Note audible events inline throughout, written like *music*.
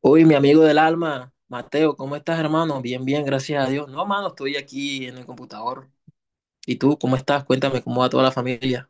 Uy, mi amigo del alma, Mateo, ¿cómo estás, hermano? Bien, bien, gracias a Dios. No, hermano, estoy aquí en el computador. ¿Y tú, cómo estás? Cuéntame, ¿cómo va toda la familia?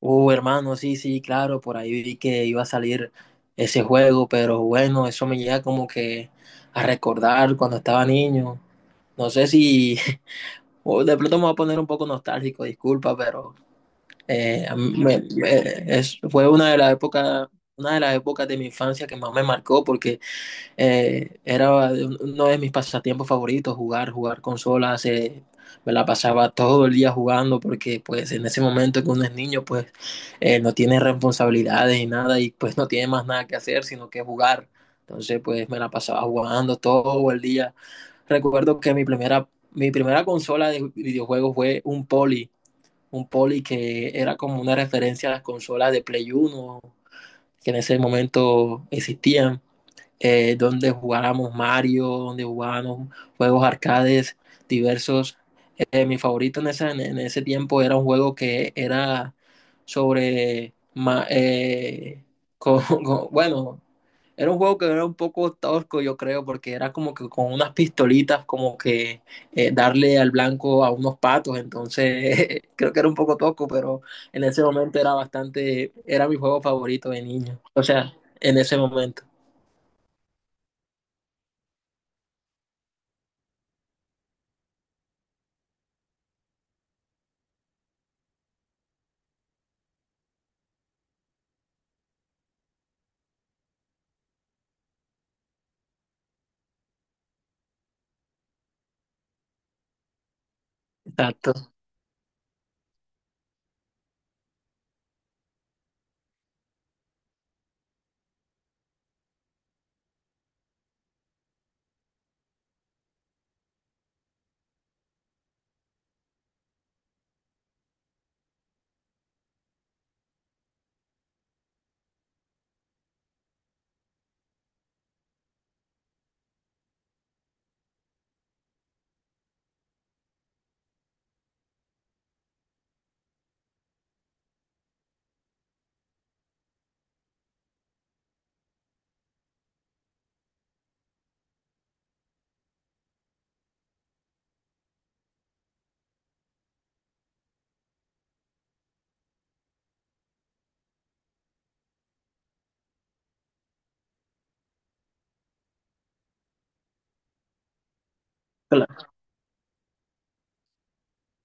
Hermano, sí, sí, claro, por ahí vi que iba a salir ese juego, pero bueno, eso me llega como que a recordar cuando estaba niño. No sé si, *laughs* o de pronto me voy a poner un poco nostálgico, disculpa, pero a mí fue una de las épocas de mi infancia que más me marcó. Porque... Era uno de mis pasatiempos favoritos, jugar consolas. Me la pasaba todo el día jugando, porque pues en ese momento que uno es niño, pues no tiene responsabilidades y nada, y pues no tiene más nada que hacer sino que jugar. Entonces, pues, me la pasaba jugando todo el día. Recuerdo que mi primera consola de videojuegos fue un Poly que era como una referencia a las consolas de Play 1 que en ese momento existían, donde jugábamos Mario, donde jugábamos juegos arcades diversos. Mi favorito en ese tiempo era un juego que era sobre, *laughs* bueno, era un juego que era un poco tosco, yo creo, porque era como que con unas pistolitas, como que darle al blanco a unos patos, entonces, *laughs* creo que era un poco tosco, pero en ese momento era bastante, era mi juego favorito de niño, o sea, en ese momento. Exacto.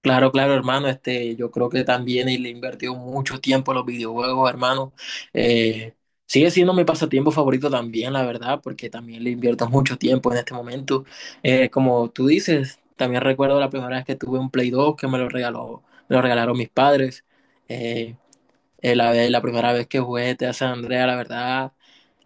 Claro, claro, hermano. Este, yo creo que también él le invirtió mucho tiempo a los videojuegos, hermano. Eh, Sigue siendo mi pasatiempo favorito también, la verdad, porque también le invierto mucho tiempo en este momento. Como tú dices, también recuerdo la primera vez que tuve un Play 2, que me lo regaló, me lo regalaron mis padres. Eh, la primera vez que jugué GTA San Andreas, la verdad,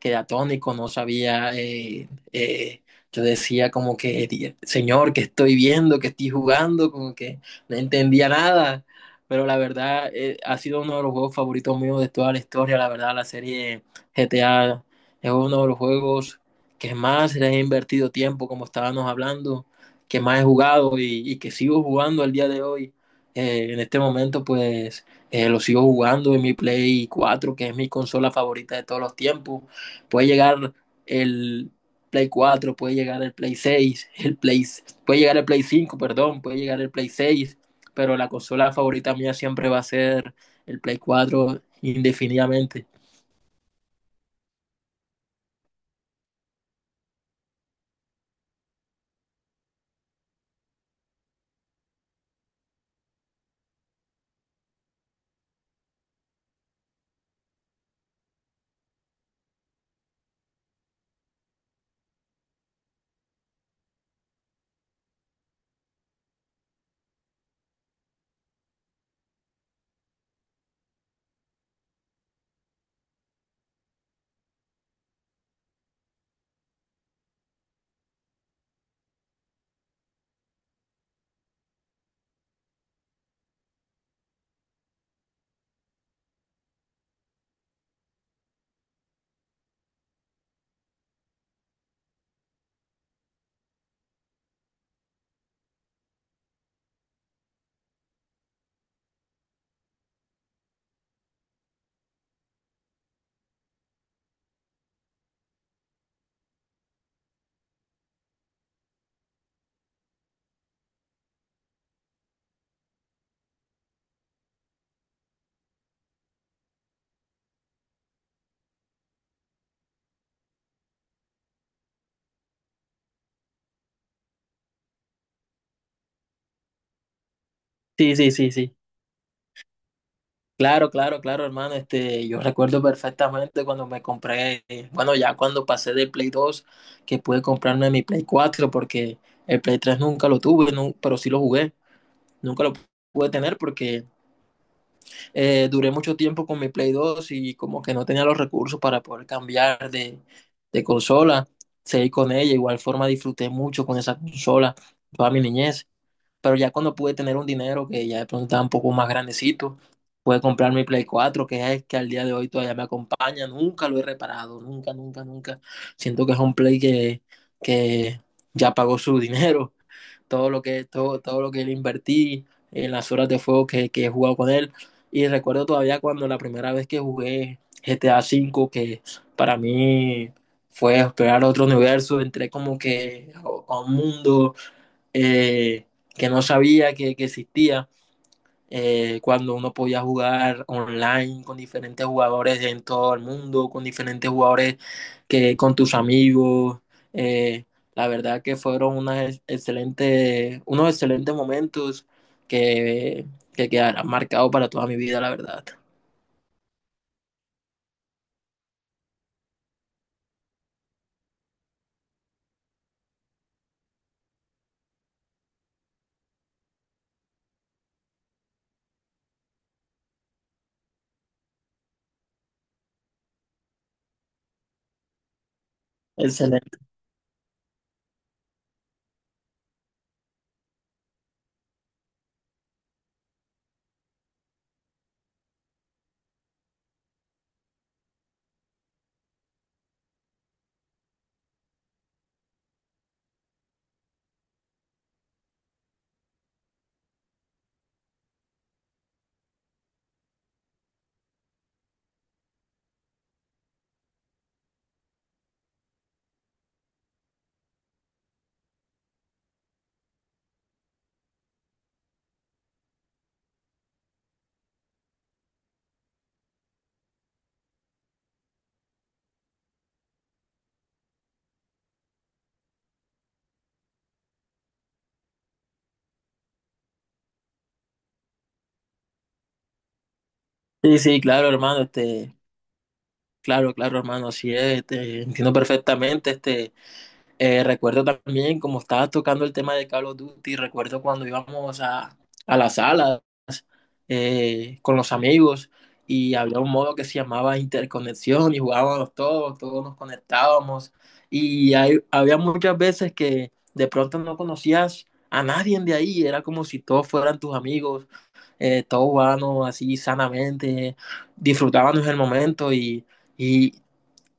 quedé atónico, no sabía. Yo decía como que, "Señor, ¿que estoy viendo? ¿que estoy jugando?" Como que no entendía nada. Pero la verdad, ha sido uno de los juegos favoritos míos de toda la historia. La verdad, la serie GTA es uno de los juegos que más le he invertido tiempo, como estábamos hablando, que más he jugado y que sigo jugando al día de hoy. En este momento, pues, lo sigo jugando en mi Play 4, que es mi consola favorita de todos los tiempos. Puede llegar el Play 4, puede llegar el Play 6, *laughs* puede llegar el Play 5, perdón, puede llegar el Play 6, pero la consola favorita mía siempre va a ser el Play 4 indefinidamente. Sí, sí, sí, sí. Claro, claro, claro, hermano. Este, yo recuerdo perfectamente cuando me compré, bueno, ya cuando pasé de Play 2, que pude comprarme mi Play 4, porque el Play 3 nunca lo tuve, pero sí lo jugué. Nunca lo pude tener porque duré mucho tiempo con mi Play 2, y como que no tenía los recursos para poder cambiar de consola. Seguí con ella, igual forma disfruté mucho con esa consola toda mi niñez. Pero ya cuando pude tener un dinero, que ya de pronto estaba un poco más grandecito, pude comprar mi Play 4, que es que al día de hoy todavía me acompaña. Nunca lo he reparado, nunca, nunca, nunca. Siento que es un Play que ya pagó su *laughs* dinero, todo lo que le invertí en las horas de juego que he jugado con él. Y recuerdo todavía cuando la primera vez que jugué GTA 5, que para mí fue explorar otro universo, entré como que a un mundo, eh, que no sabía que existía, cuando uno podía jugar online con diferentes jugadores en todo el mundo, con diferentes jugadores que con tus amigos. Eh, la verdad que fueron unas excelentes, unos excelentes momentos que, que quedarán marcados para toda mi vida, la verdad. Excelente. Sí, sí, claro, hermano, este, claro, claro, hermano, así es, este, entiendo perfectamente, este, recuerdo también, como estabas tocando el tema de Call of Duty, recuerdo cuando íbamos a las salas, con los amigos, y había un modo que se llamaba interconexión y jugábamos todos nos conectábamos, y había muchas veces que de pronto no conocías a nadie de ahí, era como si todos fueran tus amigos, todos jugábamos así sanamente, disfrutábamos el momento, y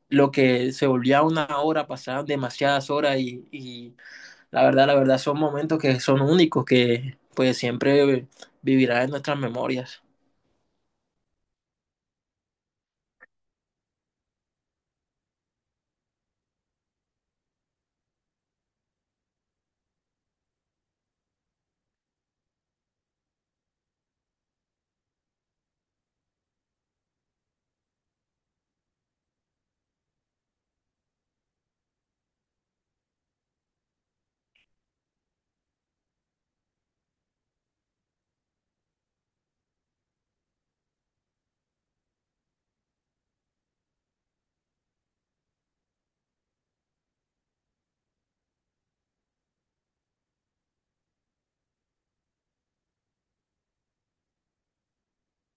lo que se volvía una hora, pasaban demasiadas horas y la verdad son momentos que son únicos, que pues siempre vivirán en nuestras memorias.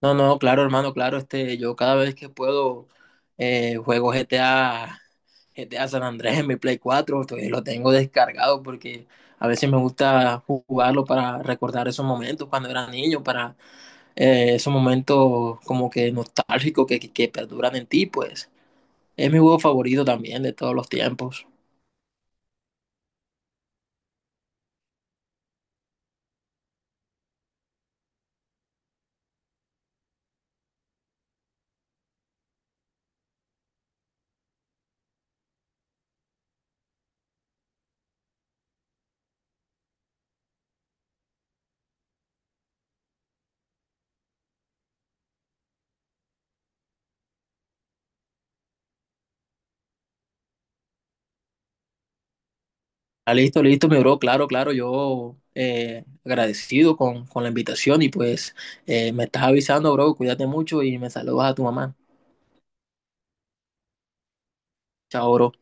No, no, claro, hermano, claro, este, yo cada vez que puedo, juego G T A San Andrés en mi Play 4, todavía lo tengo descargado porque a veces me gusta jugarlo para recordar esos momentos cuando era niño, para esos momentos como que nostálgicos que perduran en ti, pues. Es mi juego favorito también de todos los tiempos. Ah, listo, listo, mi bro. Claro, claro, yo, agradecido con la invitación, y pues me estás avisando, bro. Cuídate mucho y me saludas a tu mamá. Chao, bro.